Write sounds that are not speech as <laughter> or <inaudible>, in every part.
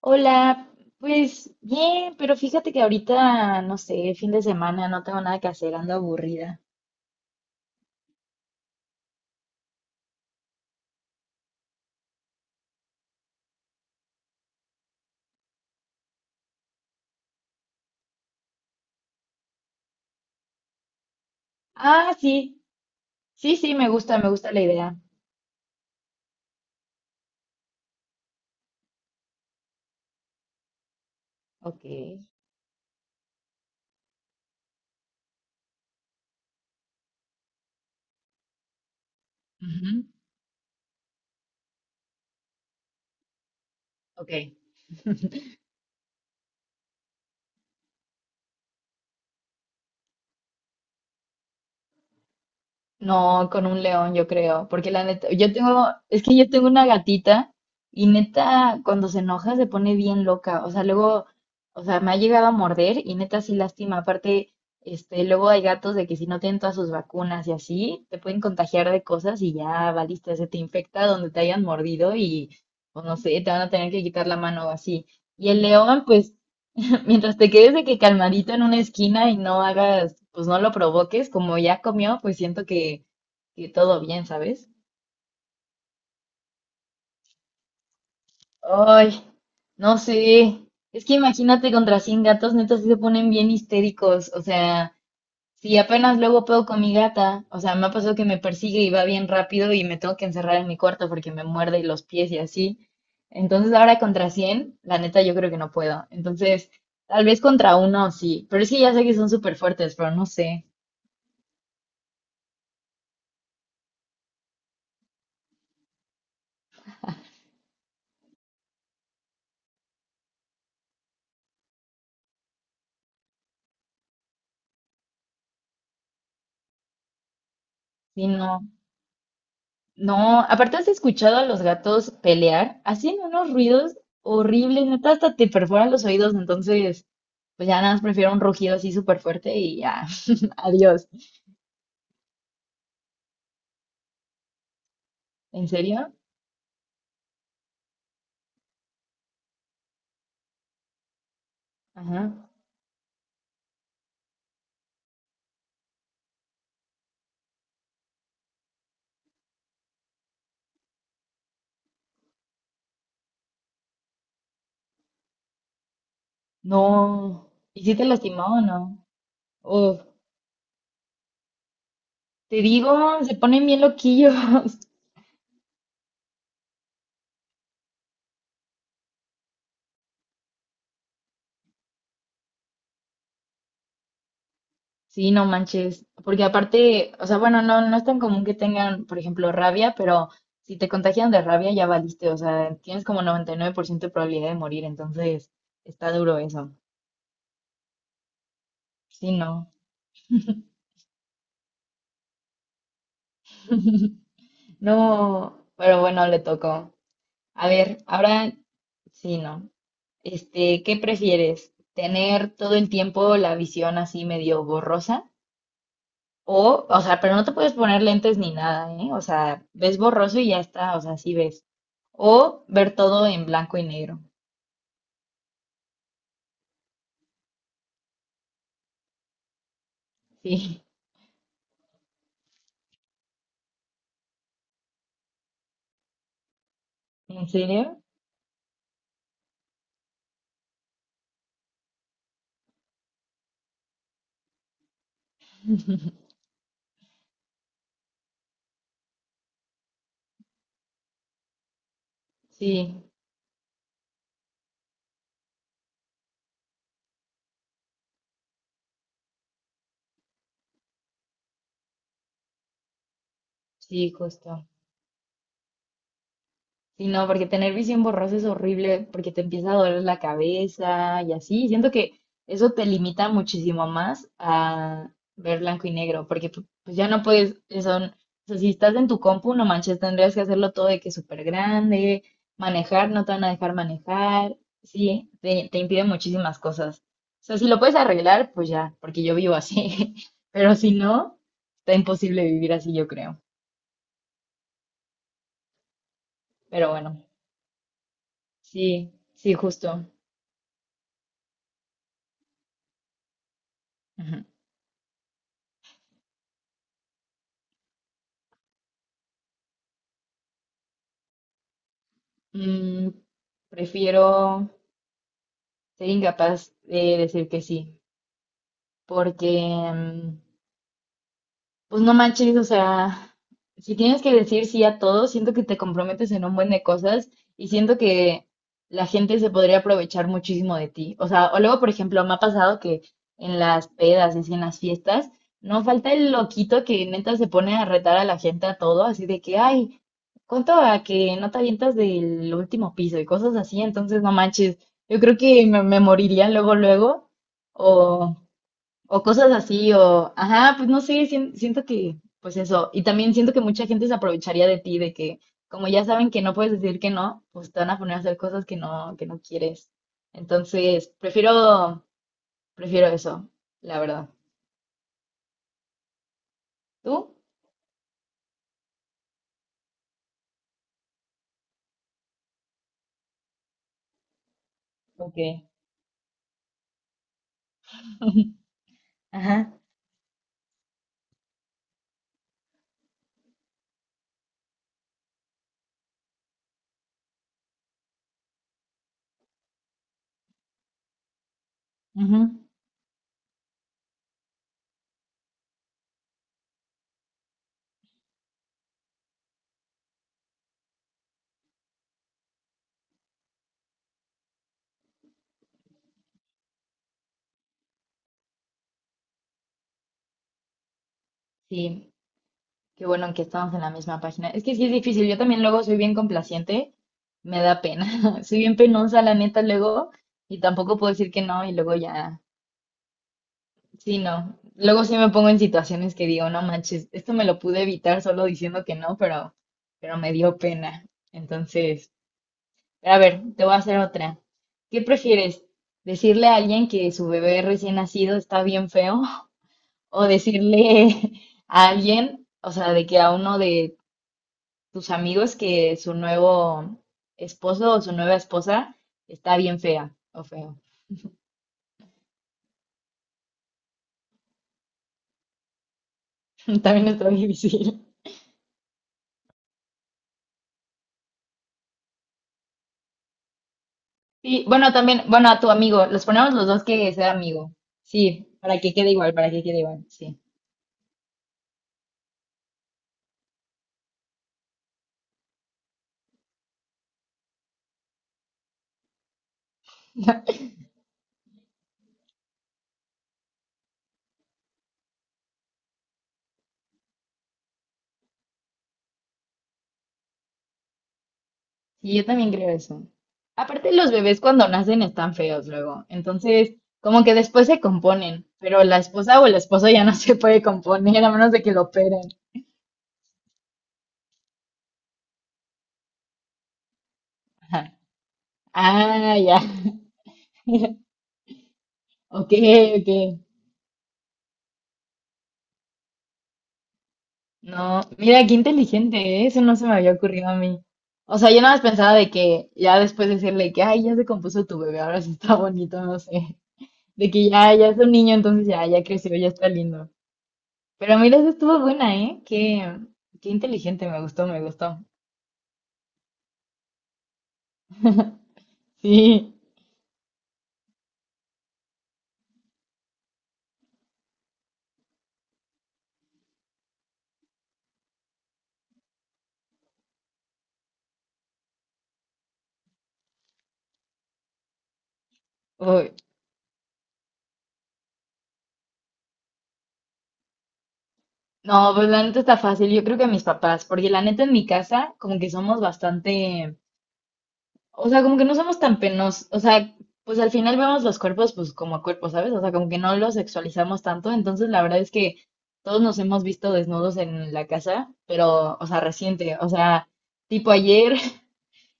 Hola, pues bien, pero fíjate que ahorita, no sé, fin de semana, no tengo nada que hacer, ando aburrida. Ah, sí, sí, sí, me gusta la idea. Ok. Ujú. Ok. No, con un león, yo creo, porque la neta, yo tengo, es que yo tengo una gatita y neta, cuando se enoja se pone bien loca, o sea, luego, o sea, me ha llegado a morder y neta sí lastima, aparte, luego hay gatos de que si no tienen todas sus vacunas y así, te pueden contagiar de cosas y ya valiste, se te infecta donde te hayan mordido y, pues no sé, te van a tener que quitar la mano o así. Y el león, pues, <laughs> mientras te quedes de que calmadito en una esquina y no hagas, pues no lo provoques, como ya comió, pues siento que todo bien, ¿sabes? Ay, no sé. Es que imagínate contra 100 gatos, neta, sí se ponen bien histéricos. O sea, si apenas luego puedo con mi gata, o sea, me ha pasado que me persigue y va bien rápido y me tengo que encerrar en mi cuarto porque me muerde los pies y así. Entonces ahora contra 100, la neta, yo creo que no puedo. Entonces, tal vez contra uno sí, pero es que ya sé que son súper fuertes, pero no sé. Sí, no, no. Aparte, ¿has escuchado a los gatos pelear? Hacen unos ruidos horribles, neta, hasta te perforan los oídos. Entonces, pues ya nada más prefiero un rugido así súper fuerte y ya, <laughs> adiós. ¿En serio? Ajá. No. ¿Y si te lastimó o no? Uf, te digo, se ponen bien loquillos. <laughs> Sí, no manches, porque aparte, o sea, bueno, no, no es tan común que tengan, por ejemplo, rabia, pero si te contagian de rabia ya valiste, o sea, tienes como 99% de probabilidad de morir, entonces está duro eso. Sí, no. No, pero bueno, le tocó. A ver, ahora sí, no. ¿Qué prefieres? ¿Tener todo el tiempo la visión así medio borrosa? O sea, pero no te puedes poner lentes ni nada, ¿eh? O sea, ves borroso y ya está, o sea, sí ves. O ver todo en blanco y negro. Sí, <laughs> ¿en serio? <laughs> Sí, sí, justo. Sí, no, porque tener visión borrosa es horrible, porque te empieza a doler la cabeza y así. Siento que eso te limita muchísimo más a ver blanco y negro, porque pues ya no puedes, eso, n- o sea, si estás en tu compu, no manches, tendrías que hacerlo todo de que súper grande, manejar, no te van a dejar manejar. Sí, te impide muchísimas cosas. O sea, si lo puedes arreglar, pues ya, porque yo vivo así. <laughs> Pero si no, está imposible vivir así, yo creo. Pero bueno, sí, sí, justo. Ujú. Mm, prefiero ser incapaz de decir que sí, porque mm, pues no manches, o sea, si tienes que decir sí a todo, siento que te comprometes en un buen de cosas y siento que la gente se podría aprovechar muchísimo de ti. O sea, o luego, por ejemplo, me ha pasado que en las pedas, y así en las fiestas, no falta el loquito que neta se pone a retar a la gente a todo, así de que, ay, ¿cuánto a que no te avientas del último piso? Y cosas así, entonces no manches, yo creo que me moriría luego, luego, o... O cosas así, o, ajá, pues no sé, siento que, pues eso, y también siento que mucha gente se aprovecharía de ti, de que como ya saben que no puedes decir que no, pues te van a poner a hacer cosas que no quieres. Entonces, prefiero eso, la verdad. ¿Tú? Ok. <laughs> Ajá. Ujú. Sí, qué bueno que estamos en la misma página. Es que sí es difícil, yo también luego soy bien complaciente, me da pena, <laughs> soy bien penosa, la neta, luego, y tampoco puedo decir que no, y luego ya. Sí, no. Luego sí me pongo en situaciones que digo, no manches, esto me lo pude evitar solo diciendo que no, pero me dio pena. Entonces, a ver, te voy a hacer otra. ¿Qué prefieres? ¿Decirle a alguien que su bebé recién nacido está bien feo? ¿O decirle <laughs> a alguien, o sea, de que a uno de tus amigos que su nuevo esposo o su nueva esposa está bien fea o feo? <laughs> También está difícil. Y bueno, también, bueno, a tu amigo, los ponemos los dos que sea amigo. Sí, para que quede igual, para que quede igual, sí. Y yo también creo eso. Aparte, los bebés cuando nacen están feos luego. Entonces, como que después se componen, pero la esposa o el esposo ya no se puede componer a menos de que lo operen. Ajá. Ah, ya. <laughs> Ok, ok. No, mira, qué inteligente, ¿eh? Eso no se me había ocurrido a mí. O sea, yo nada más pensaba de que ya después decirle que, ay, ya se compuso tu bebé, ahora sí está bonito, no sé. De que ya, ya es un niño, entonces ya, ya creció, ya está lindo. Pero mira, esa estuvo buena, ¿eh? Qué inteligente, me gustó, me gustó. Sí. Uy. No, pues la neta está fácil, yo creo que mis papás, porque la neta en mi casa como que somos bastante, o sea, como que no somos tan penosos, o sea, pues al final vemos los cuerpos pues como cuerpos, ¿sabes? O sea, como que no los sexualizamos tanto, entonces la verdad es que todos nos hemos visto desnudos en la casa, pero, o sea, reciente, o sea, tipo ayer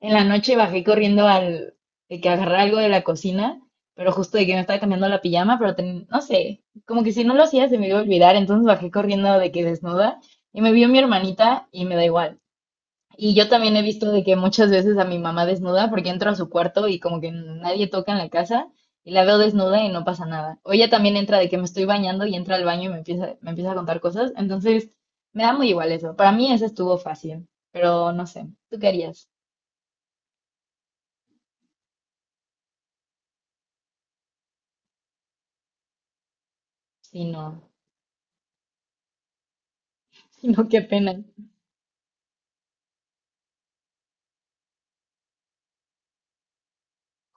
en la noche bajé corriendo al, de que agarré algo de la cocina, pero justo de que me estaba cambiando la pijama, pero ten- no sé, como que si no lo hacía se me iba a olvidar, entonces bajé corriendo de que desnuda y me vio mi hermanita y me da igual. Y yo también he visto de que muchas veces a mi mamá desnuda porque entro a su cuarto y como que nadie toca en la casa y la veo desnuda y no pasa nada. O ella también entra de que me estoy bañando y entra al baño y me empieza a contar cosas, entonces me da muy igual eso. Para mí eso estuvo fácil, pero no sé, ¿tú qué harías si no <laughs> No, qué pena.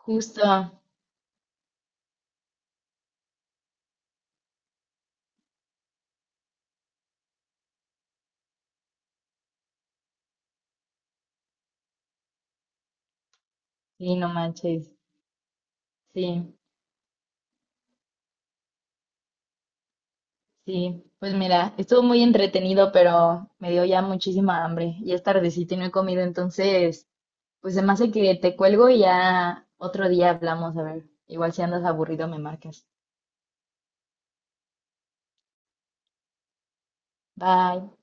Justo. Sí, no manches. Sí, sí. Pues mira, estuvo muy entretenido, pero me dio ya muchísima hambre. Ya es tardecito y no he comido, entonces, pues se me hace que te cuelgo y ya otro día hablamos, a ver. Igual si andas aburrido me marcas. Bye.